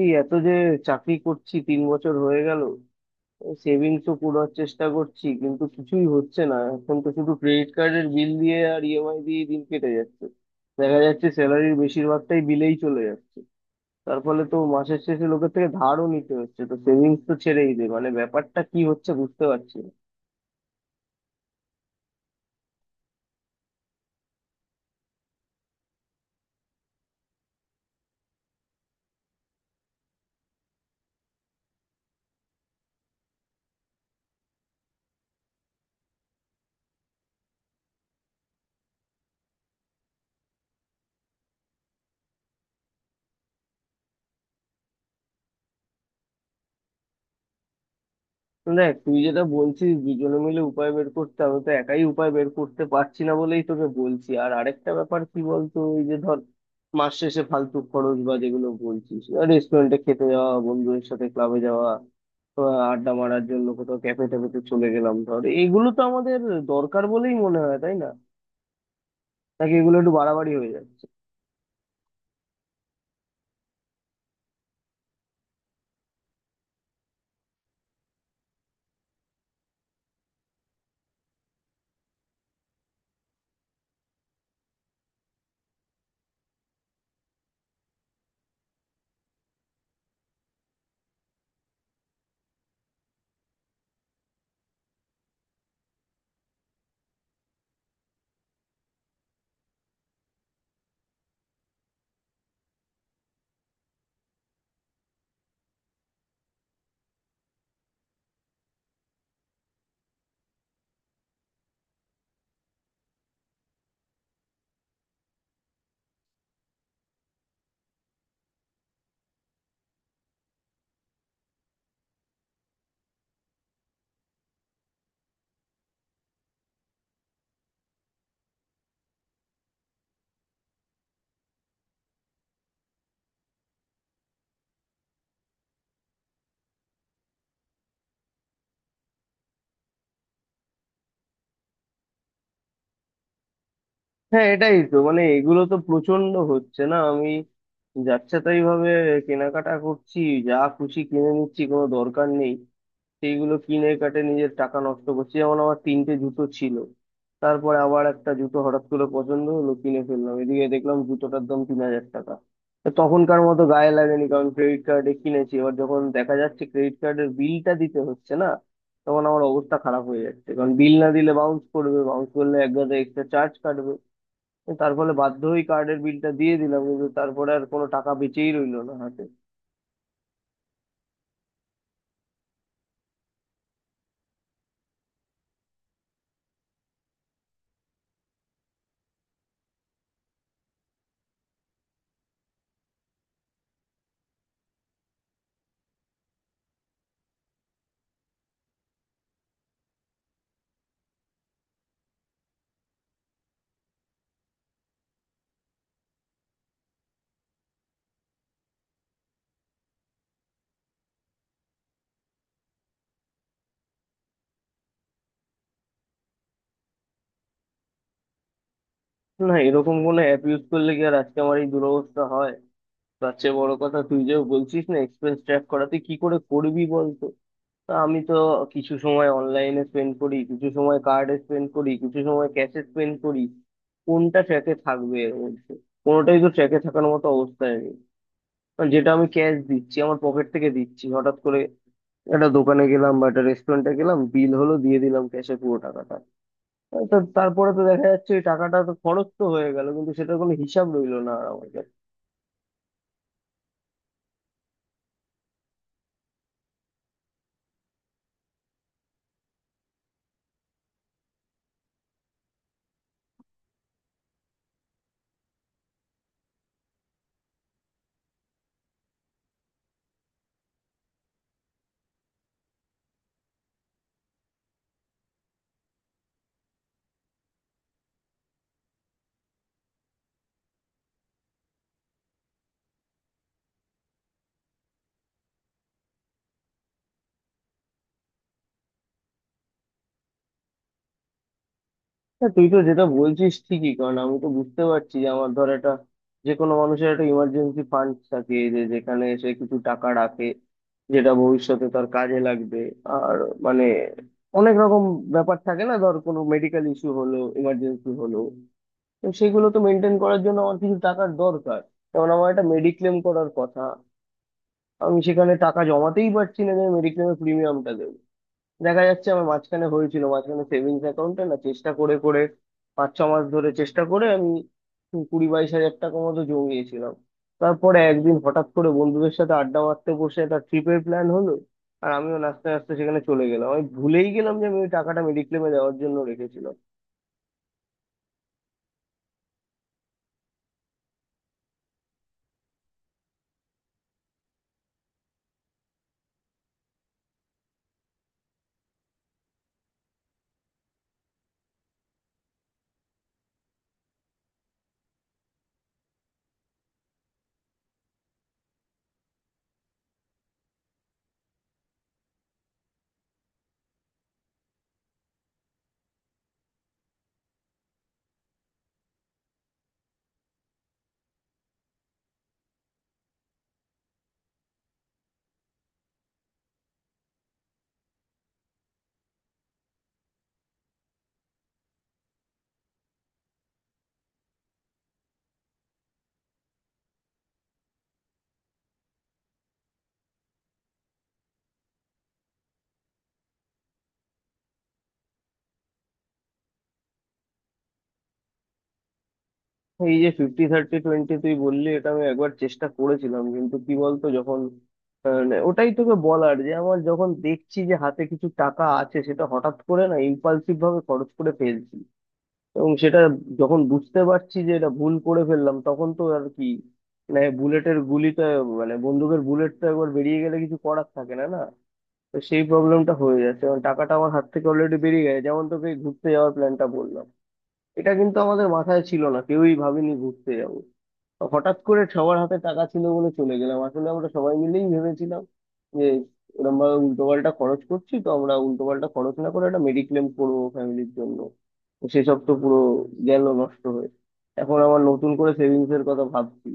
এই এত যে চাকরি করছি, 3 বছর হয়ে গেল। সেভিংসও করার চেষ্টা করছি, কিন্তু কিছুই হচ্ছে না। এখন তো শুধু ক্রেডিট কার্ডের বিল দিয়ে আর ইএমআই দিয়ে দিন কেটে যাচ্ছে। দেখা যাচ্ছে স্যালারির বেশিরভাগটাই বিলেই চলে যাচ্ছে। তার ফলে তো মাসের শেষে লোকের থেকে ধারও নিতে হচ্ছে, তো সেভিংস তো ছেড়েই দে, মানে ব্যাপারটা কি হচ্ছে বুঝতে পারছি না। দেখ, তুই যেটা বলছিস দুজনে মিলে উপায় বের করতে, আমি তো একাই উপায় বের করতে পারছি না বলেই তোকে বলছি। আর আরেকটা ব্যাপার কি বলতো, ওই যে ধর মাস শেষে ফালতু খরচ বা যেগুলো বলছিস, রেস্টুরেন্টে খেতে যাওয়া, বন্ধুদের সাথে ক্লাবে যাওয়া, আড্ডা মারার জন্য কোথাও ক্যাফে ট্যাফেতে চলে গেলাম, ধর এগুলো তো আমাদের দরকার বলেই মনে হয়, তাই না? নাকি এগুলো একটু বাড়াবাড়ি হয়ে যাচ্ছে? হ্যাঁ, এটাই তো, মানে এগুলো তো প্রচন্ড হচ্ছে। না, আমি যাচ্ছে তাই ভাবে কেনাকাটা করছি, যা খুশি কিনে নিচ্ছি, কোনো দরকার নেই সেইগুলো কিনে কাটে নিজের টাকা নষ্ট করছি। যেমন আমার তিনটে জুতো ছিল, তারপরে আবার একটা জুতো হঠাৎ করে পছন্দ হলো, কিনে ফেললাম। এদিকে দেখলাম জুতোটার দাম 3,000 টাকা। তা তখনকার মতো গায়ে লাগেনি, কারণ ক্রেডিট কার্ডে কিনেছি। এবার যখন দেখা যাচ্ছে ক্রেডিট কার্ডের বিলটা দিতে হচ্ছে, না তখন আমার অবস্থা খারাপ হয়ে যাচ্ছে, কারণ বিল না দিলে বাউন্স করবে, বাউন্স করলে এক গাদা এক্সট্রা চার্জ কাটবে। তার ফলে বাধ্য হয়ে কার্ডের বিলটা দিয়ে দিলাম, কিন্তু তারপরে আর কোনো টাকা বেঁচেই রইলো না হাতে। না, এরকম কোনো অ্যাপ ইউজ করলে কি আর আজকে আমার এই দুরবস্থা হয়? তার চেয়ে বড় কথা, তুই যে বলছিস না এক্সপেন্স ট্র্যাক করা, তুই কি করে করবি বলতো? তা আমি তো কিছু সময় অনলাইনে স্পেন্ড করি, কিছু সময় কার্ডে স্পেন্ড করি, কিছু সময় ক্যাশে স্পেন্ড করি। কোনটা ট্র্যাকে থাকবে এর মধ্যে? কোনোটাই তো ট্র্যাকে থাকার মতো অবস্থায় নেই। কারণ যেটা আমি ক্যাশ দিচ্ছি আমার পকেট থেকে দিচ্ছি, হঠাৎ করে একটা দোকানে গেলাম বা একটা রেস্টুরেন্টে গেলাম, বিল হলো দিয়ে দিলাম ক্যাশে পুরো টাকাটা। তো তারপরে তো দেখা যাচ্ছে ওই টাকাটা তো খরচ তো হয়ে গেল, কিন্তু সেটার কোনো হিসাব রইলো না আর আমার। হ্যাঁ, তুই তো যেটা বলছিস ঠিকই, কারণ আমি তো বুঝতে পারছি যে আমার ধর একটা, যে কোনো মানুষের একটা ইমার্জেন্সি ফান্ড থাকে যে যেখানে সে কিছু টাকা রাখে, যেটা ভবিষ্যতে তার কাজে লাগবে। আর মানে অনেক রকম ব্যাপার থাকে, না ধর কোনো মেডিকেল ইস্যু হলো, ইমার্জেন্সি হলো, তো সেগুলো তো মেনটেন করার জন্য আমার কিছু টাকার দরকার। যেমন আমার একটা মেডিক্লেম করার কথা, আমি সেখানে টাকা জমাতেই পারছি না যে মেডিক্লেমের প্রিমিয়ামটা দেবো। দেখা যাচ্ছে, আমার মাঝখানে হয়েছিল, মাঝখানে সেভিংস অ্যাকাউন্টে না, চেষ্টা করে করে 5-6 মাস ধরে চেষ্টা করে আমি 20-22 হাজার টাকা মতো জমিয়েছিলাম। তারপরে একদিন হঠাৎ করে বন্ধুদের সাথে আড্ডা মারতে বসে একটা ট্রিপের প্ল্যান হলো, আর আমিও নাচতে নাচতে সেখানে চলে গেলাম। আমি ভুলেই গেলাম যে আমি ওই টাকাটা মেডিক্লেমে দেওয়ার জন্য রেখেছিলাম। এই যে 50-30-20 তুই বললি, এটা আমি একবার চেষ্টা করেছিলাম, কিন্তু কি বলতো যখন, মানে ওটাই তোকে বলার, যে আমার যখন দেখছি যে হাতে কিছু টাকা আছে, সেটা হঠাৎ করে না ইম্পালসিভ ভাবে খরচ করে ফেলছি। এবং সেটা যখন বুঝতে পারছি যে এটা ভুল করে ফেললাম, তখন তো আর কি, মানে বুলেটের গুলিটা, মানে বন্দুকের বুলেটটা একবার বেরিয়ে গেলে কিছু করার থাকে না, না। তো সেই প্রবলেমটা হয়ে যাচ্ছে কারণ টাকাটা আমার হাত থেকে অলরেডি বেরিয়ে গেছে। যেমন তোকে এই ঘুরতে যাওয়ার প্ল্যানটা বললাম, এটা কিন্তু আমাদের মাথায় ছিল না, কেউই ভাবিনি ঘুরতে যাবো। তো হঠাৎ করে সবার হাতে টাকা ছিল বলে চলে গেলাম। আসলে আমরা সবাই মিলেই ভেবেছিলাম যে এরকম ভাবে উল্টো পাল্টা খরচ করছি, তো আমরা উল্টো পাল্টা খরচ না করে একটা মেডিক্লেম করবো ফ্যামিলির জন্য। তো সেসব তো পুরো গেল নষ্ট হয়ে। এখন আবার নতুন করে সেভিংস এর কথা ভাবছি।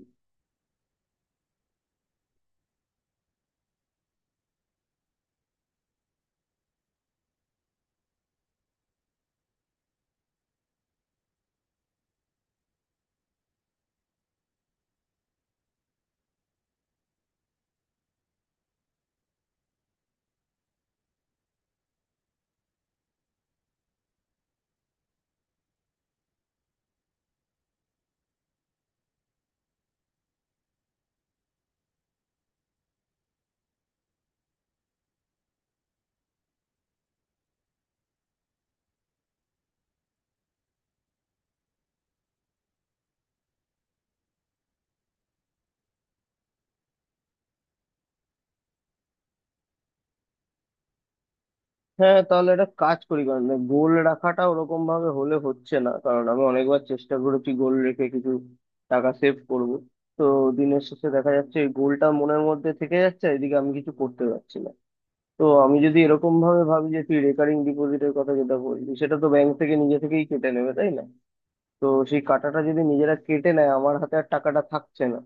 হ্যাঁ, তাহলে একটা কাজ করি, কারণ গোল রাখাটা ওরকম ভাবে হলে হচ্ছে না। কারণ আমি অনেকবার চেষ্টা করেছি গোল রেখে কিছু টাকা সেভ করব, তো দিনের শেষে দেখা যাচ্ছে গোলটা মনের মধ্যে থেকে যাচ্ছে, এদিকে আমি কিছু করতে পারছি না। তো আমি যদি এরকম ভাবে ভাবি যে, তুই রেকারিং ডিপোজিটের কথা যেটা বললি, সেটা তো ব্যাংক থেকে নিজে থেকেই কেটে নেবে, তাই না? তো সেই কাটাটা যদি নিজেরা কেটে নেয়, আমার হাতে আর টাকাটা থাকছে না,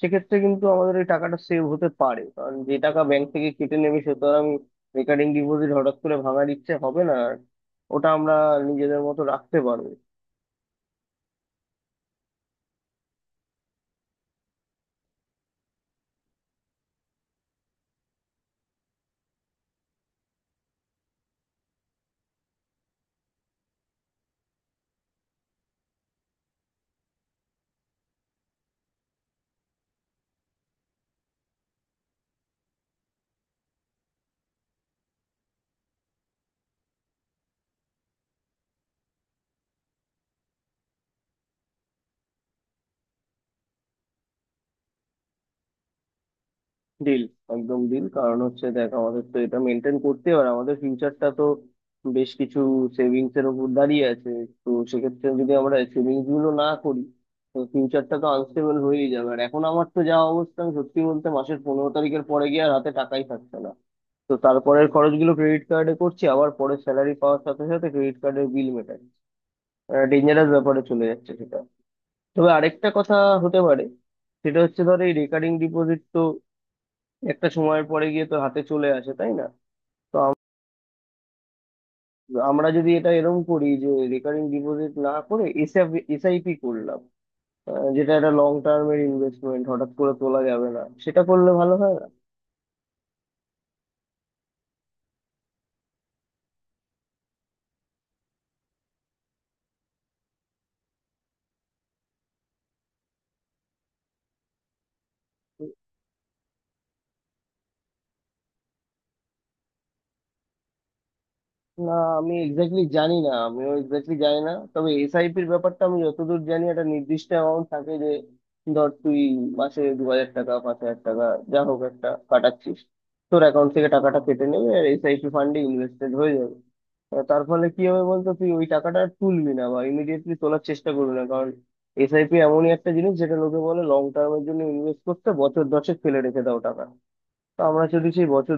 সেক্ষেত্রে কিন্তু আমাদের এই টাকাটা সেভ হতে পারে। কারণ যে টাকা ব্যাংক থেকে কেটে নেবে, সে তো আর আমি রেকারিং ডিপোজিট হঠাৎ করে ভাঙার ইচ্ছে হবে না আর, ওটা আমরা নিজেদের মতো রাখতে পারবো। ডিল, একদম ডিল। কারণ হচ্ছে দেখ, আমাদের তো এটা মেনটেন করতে হবে আর আমাদের ফিউচারটা তো বেশ কিছু সেভিংস এর উপর দাঁড়িয়ে আছে। তো সেক্ষেত্রে যদি আমরা সেভিংস গুলো না করি, তো ফিউচারটা তো আনস্টেবল হয়েই যাবে। আর এখন আমার তো যা অবস্থা, আমি সত্যি বলতে মাসের 15 তারিখের পরে গিয়ে আর হাতে টাকাই থাকছে না। তো তারপরের খরচগুলো ক্রেডিট কার্ডে করছি, আবার পরে স্যালারি পাওয়ার সাথে সাথে ক্রেডিট কার্ডের বিল মেটাচ্ছি। ডেঞ্জারাস ব্যাপারে চলে যাচ্ছে সেটা। তবে আরেকটা কথা হতে পারে, সেটা হচ্ছে ধর এই রেকারিং ডিপোজিট তো একটা সময়ের পরে গিয়ে তো হাতে চলে আসে, তাই না? তো আমরা যদি এটা এরকম করি যে রেকারিং ডিপোজিট না করে এসআইপি করলাম, যেটা একটা লং টার্মের ইনভেস্টমেন্ট, হঠাৎ করে তোলা যাবে না, সেটা করলে ভালো হয় না? না, আমি এক্স্যাক্টলি জানি না, আমিও এক্স্যাক্টলি জানি না, তবে এসআইপির ব্যাপারটা আমি যতদূর জানি একটা নির্দিষ্ট অ্যামাউন্ট থাকে, যে ধর তুই মাসে 2,000 টাকা, 5,000 টাকা যা হোক একটা কাটাচ্ছিস, তোর অ্যাকাউন্ট থেকে টাকাটা কেটে নেবে আর এসআইপি ফান্ডে ইনভেস্টেড হয়ে যাবে। তার ফলে কি হবে বলতো, তুই ওই টাকাটা আর তুলবি না বা ইমিডিয়েটলি তোলার চেষ্টা করবি না, কারণ এসআইপি এমনই একটা জিনিস যেটা লোকে বলে লং টার্মের জন্য ইনভেস্ট করতে, বছর দশেক ফেলে রেখে দাও টাকা। তো আমরা যদি সেই বছর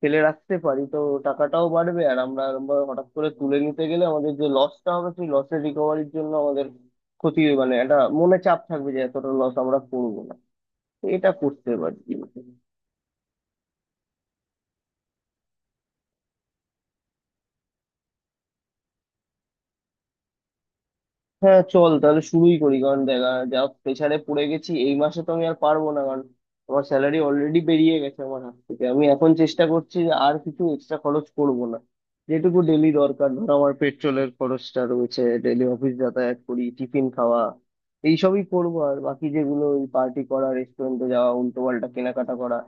ফেলে রাখতে পারি, তো টাকাটাও বাড়বে। আর আমরা এরম ভাবে হঠাৎ করে তুলে নিতে গেলে আমাদের যে লসটা হবে, সেই লসের রিকভারির জন্য আমাদের ক্ষতি, মানে একটা মনে চাপ থাকবে যে এতটা লস আমরা করবো না। তো এটা করতে পারি। হ্যাঁ, চল তাহলে শুরুই করি, কারণ দেখা যা, প্রেসারে পড়ে গেছি এই মাসে, তো আমি আর পারবো না, কারণ আমার স্যালারি অলরেডি বেরিয়ে গেছে আমার হাত থেকে। আমি এখন চেষ্টা করছি যে আর কিছু এক্সট্রা খরচ করব না, যেটুকু ডেলি দরকার ধর আমার পেট্রোলের খরচটা রয়েছে, ডেলি অফিস যাতায়াত করি, টিফিন খাওয়া, এইসবই করবো। আর বাকি যেগুলো ওই পার্টি করা, রেস্টুরেন্টে যাওয়া, উল্টো পাল্টা কেনাকাটা করা,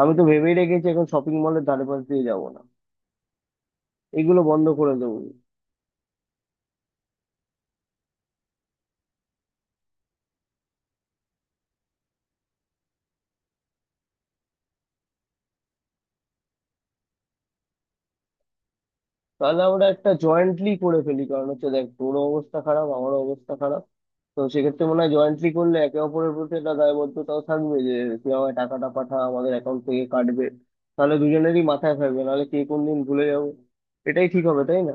আমি তো ভেবেই রেখেছি এখন শপিং মলের ধারে পাশ দিয়ে যাবো না। এগুলো বন্ধ করে দেবো। তাহলে আমরা একটা জয়েন্টলি করে ফেলি, কারণ হচ্ছে দেখ তোরও অবস্থা খারাপ, আমারও অবস্থা খারাপ। তো সেক্ষেত্রে মনে হয় জয়েন্টলি করলে একে অপরের প্রতি একটা দায়বদ্ধতাও থাকবে, যে তুই আমায় টাকাটা পাঠা, আমাদের অ্যাকাউন্ট থেকে কাটবে, তাহলে দুজনেরই মাথায় থাকবে। নাহলে কে কোন দিন ভুলে যাবো। এটাই ঠিক হবে, তাই না?